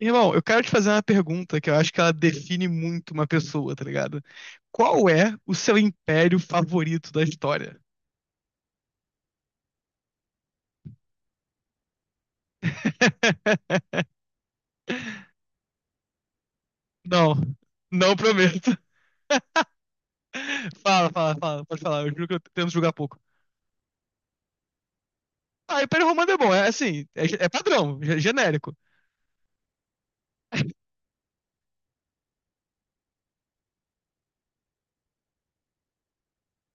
Irmão, eu quero te fazer uma pergunta que eu acho que ela define muito uma pessoa, tá ligado? Qual é o seu império favorito da história? Não, não prometo. Fala, fala, fala, pode falar, eu juro que eu tento julgar pouco. Ah, Império Romano é bom, é assim, é padrão, genérico.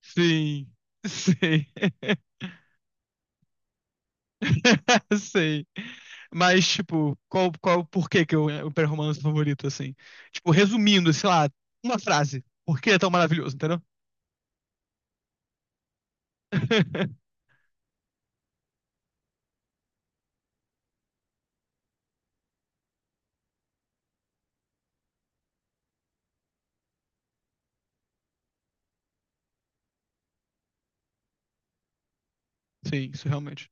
Sim, sim. Sei. Mas, tipo, qual, por que que eu, é, o Império Romano é seu favorito, assim? Tipo, resumindo, sei lá, uma frase. Por que é tão maravilhoso, entendeu? Sim, isso realmente.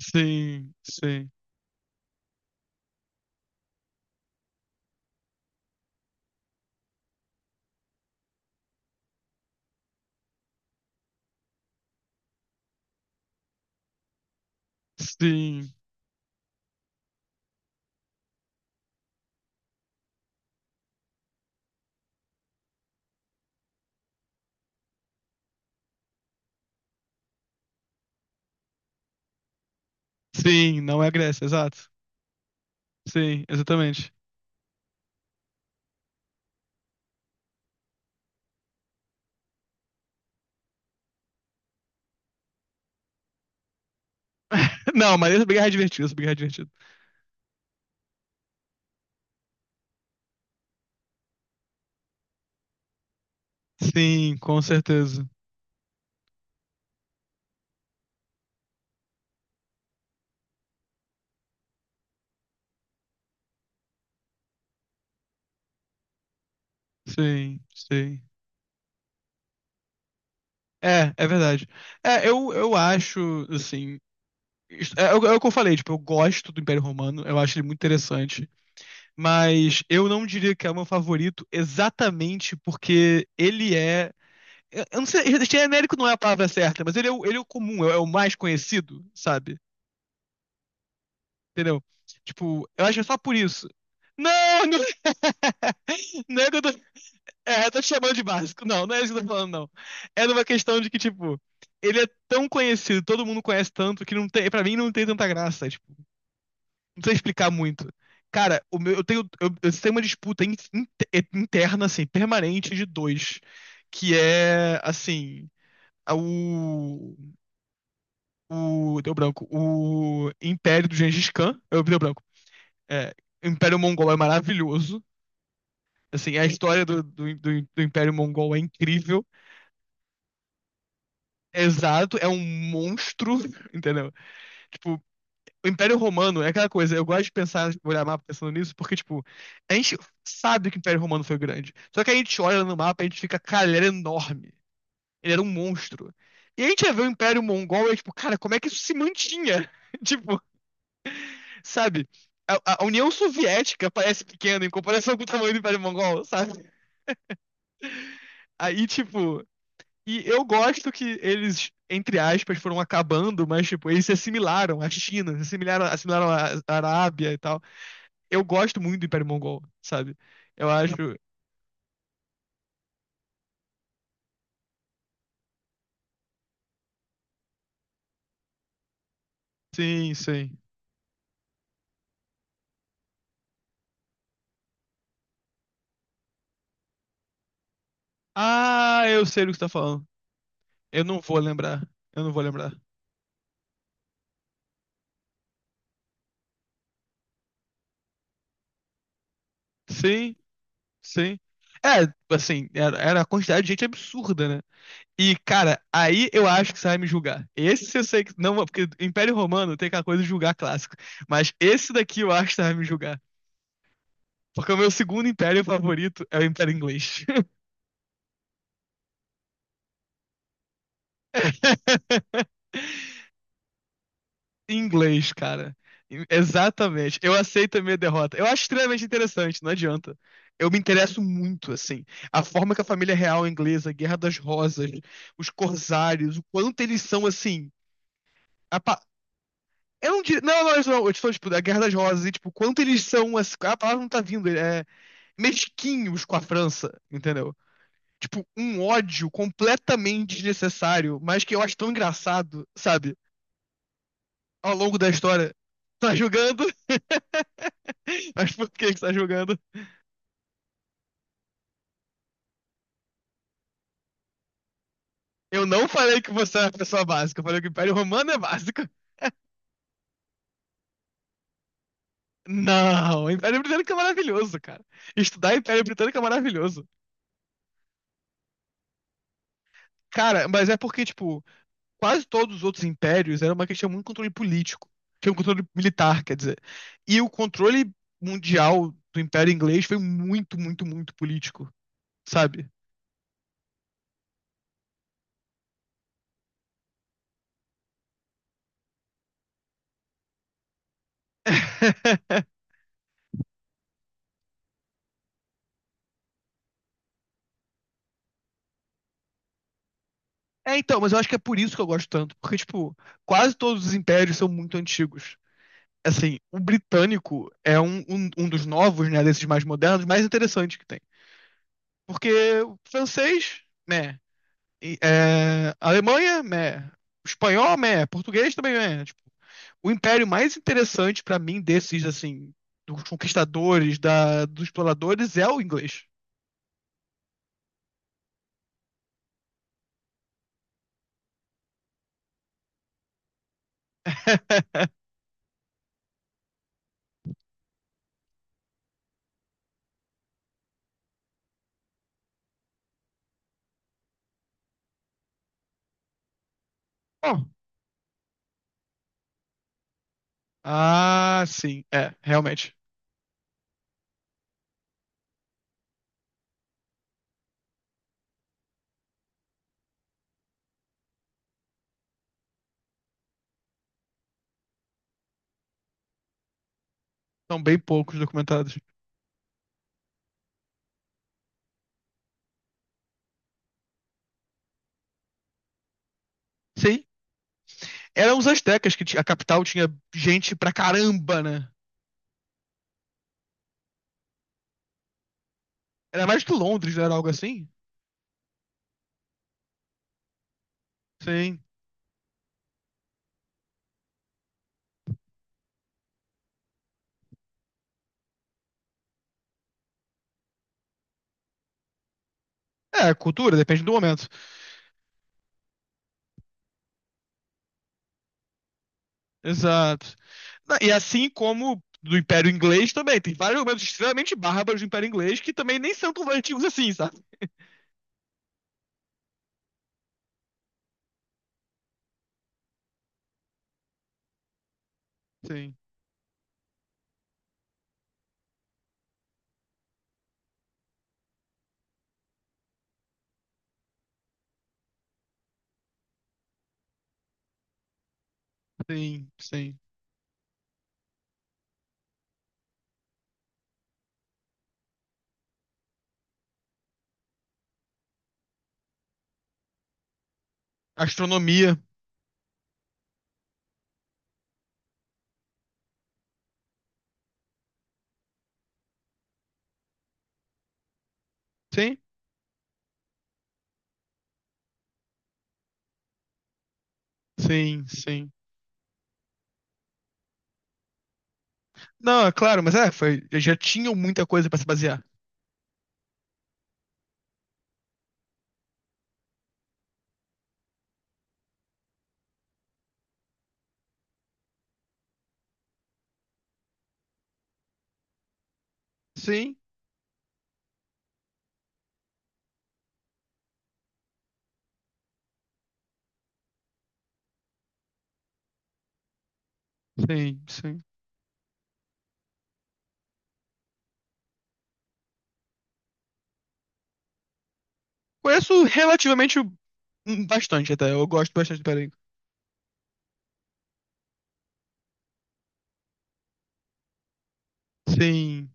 Sim, sim, sim, sim, não é a Grécia, exato. Sim, exatamente. Não, mas essa guerra é divertida, essa guerra é divertida. Sim, com certeza. Sim, sim. É, é verdade. É, eu acho, assim. É, é o que eu falei, tipo, eu gosto do Império Romano, eu acho ele muito interessante. Mas eu não diria que é o meu favorito exatamente porque ele é. Eu não sei, genérico não é a palavra certa, mas ele é o comum, é o mais conhecido, sabe? Entendeu? Tipo, eu acho que é só por isso. Não, não, não é que eu tô, eu tô te chamando de básico. Não, não é isso que eu tô falando, não. É numa questão de que, tipo, ele é tão conhecido, todo mundo conhece tanto, que não tem, pra mim não tem tanta graça. Tipo, não sei explicar muito. Cara, o meu, eu tenho uma disputa interna, assim, permanente de dois, que é, assim, a- o, deu branco, o Império do Gengis Khan, deu branco, é, o Império Mongol é maravilhoso, assim, a história do Império Mongol é incrível, exato, é um monstro, entendeu? Tipo, o Império Romano é aquela coisa, eu gosto de pensar, olhar mapa pensando nisso, porque, tipo, a gente sabe que o Império Romano foi grande. Só que a gente olha no mapa e a gente fica, cara, ele era enorme. Ele era um monstro. E a gente vê o Império Mongol e, tipo, cara, como é que isso se mantinha? Tipo, sabe? A União Soviética parece pequena em comparação com o tamanho do Império Mongol, sabe? Aí, tipo, e eu gosto que eles, entre aspas, foram acabando, mas, tipo, eles se assimilaram à China, se assimilaram à Arábia e tal. Eu gosto muito do Império Mongol, sabe? Eu acho. Sim, sim. Ah, eu sei do que você tá falando. Eu não vou lembrar. Eu não vou lembrar. Sim, sim. É, assim, era a quantidade de gente absurda, né? E, cara, aí eu acho que você vai me julgar. Esse eu sei que. Não, porque Império Romano tem aquela coisa de julgar clássico. Mas esse daqui eu acho que você vai me julgar. Porque o meu segundo império favorito é o Império Inglês. Em Inglês, cara. Exatamente. Eu aceito a minha derrota. Eu acho extremamente interessante, não adianta. Eu me interesso muito, assim. A forma que a família real inglesa, Guerra das Rosas, os corsários, o quanto eles são, assim. a pa- Eu não diria. Não, não, isso não. Eu estou, tipo, da Guerra das Rosas, e, tipo, o quanto eles são, assim. A palavra não tá vindo. É mesquinhos com a França, entendeu? Tipo, um ódio completamente desnecessário, mas que eu acho tão engraçado, sabe? Ao longo da história, tá julgando, mas por que que tá julgando? Eu não falei que você é uma pessoa básica, eu falei que o Império Romano é básico. Não, o Império Britânico é maravilhoso, cara. Estudar Império Britânico é maravilhoso. Cara, mas é porque, tipo, quase todos os outros impérios era uma questão muito de controle político, que é um controle militar, quer dizer. E o controle mundial do Império Inglês foi muito, muito, muito político, sabe? É, então, mas eu acho que é por isso que eu gosto tanto, porque, tipo, quase todos os impérios são muito antigos. Assim, o britânico é um dos novos, né, desses mais modernos, mais interessante que tem. Porque o francês, né, e, Alemanha, né, espanhol, né, português também, né. Tipo, o império mais interessante pra mim desses, assim, dos conquistadores, dos exploradores, é o inglês. Bom, ah, sim, é, realmente. São bem poucos documentados. Sim, eram os astecas que a capital tinha gente pra caramba, né? Era mais que Londres, não era algo assim? Sim. É, cultura, depende do momento. Exato. E assim como do Império Inglês também, tem vários momentos extremamente bárbaros do Império Inglês que também nem são tão antigos assim, sabe? Sim, sim, sim. Astronomia. Sim, sim, sim. Não, é claro, mas é, foi, já tinham muita coisa pra se basear. Sim, sim, sim. Conheço relativamente bastante até, eu gosto bastante do Império. Sim,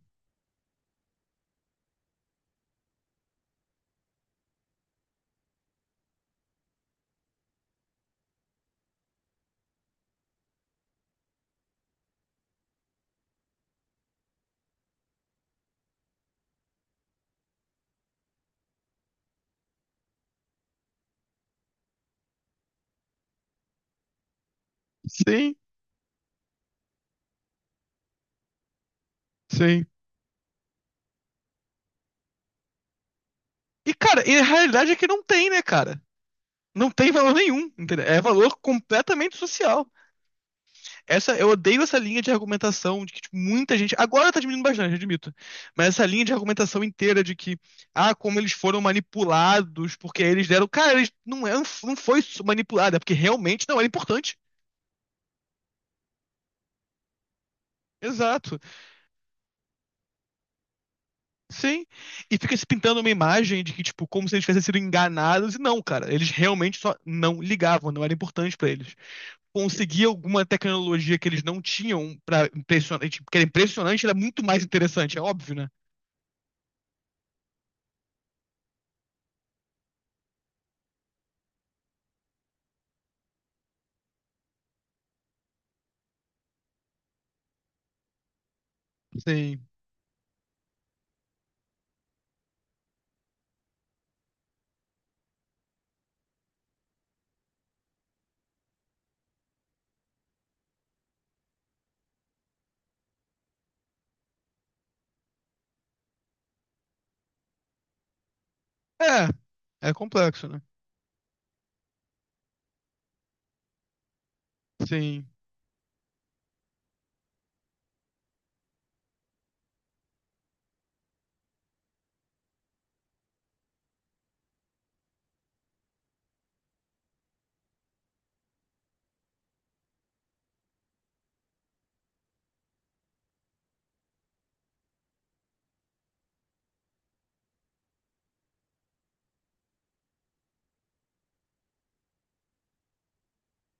sim, sim. E, cara, e a realidade é que não tem, né, cara? Não tem valor nenhum, entendeu? É valor completamente social. Essa, eu odeio essa linha de argumentação de que tipo, muita gente. Agora tá diminuindo bastante, admito. Mas essa linha de argumentação inteira de que, ah, como eles foram manipulados, porque eles deram. Cara, eles não, não foi manipulado, é porque realmente não era importante. Exato. Sim, e fica se pintando uma imagem de que, tipo, como se eles tivessem sido enganados, e não, cara, eles realmente só não ligavam, não era importante pra eles. Conseguir alguma tecnologia que eles não tinham que era impressionante, era muito mais interessante, é óbvio, né? Sim. É, é complexo, né? Sim.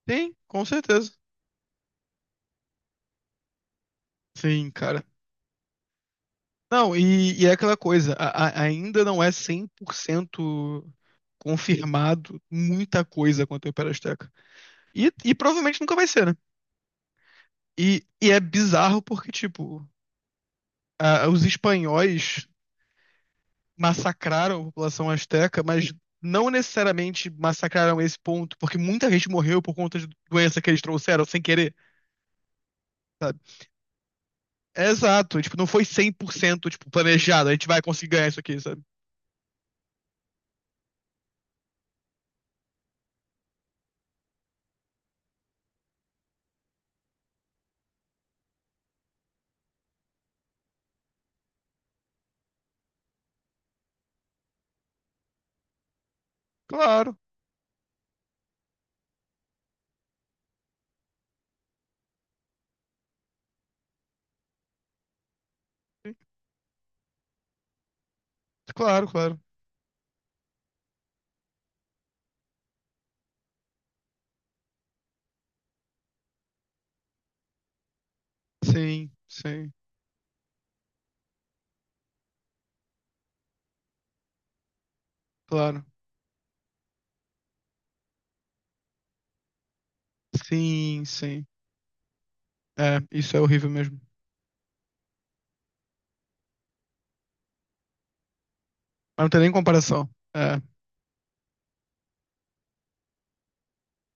Sim, com certeza. Sim, cara. Não, e é aquela coisa, ainda não é 100% confirmado muita coisa quanto ao Império Azteca. E provavelmente nunca vai ser, né? E é bizarro porque, tipo, os espanhóis massacraram a população asteca, mas não necessariamente massacraram esse ponto, porque muita gente morreu por conta de doença que eles trouxeram sem querer, sabe? É exato, tipo, não foi 100% tipo, planejado, a gente vai conseguir ganhar isso aqui, sabe? Claro, sim, claro, claro. Sim, sim, claro. Sim, sim. É, isso é horrível mesmo. Mas não tem nem comparação. É,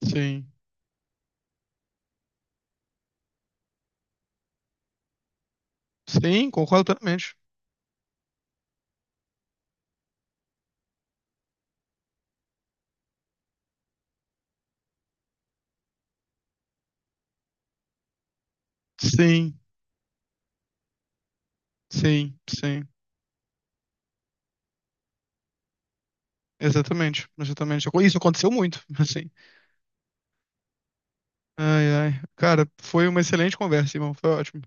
sim. Sim, concordo plenamente. Sim, sim, sim. Exatamente, exatamente. Isso aconteceu muito, assim. Ai, ai. Cara, foi uma excelente conversa, irmão. Foi ótimo.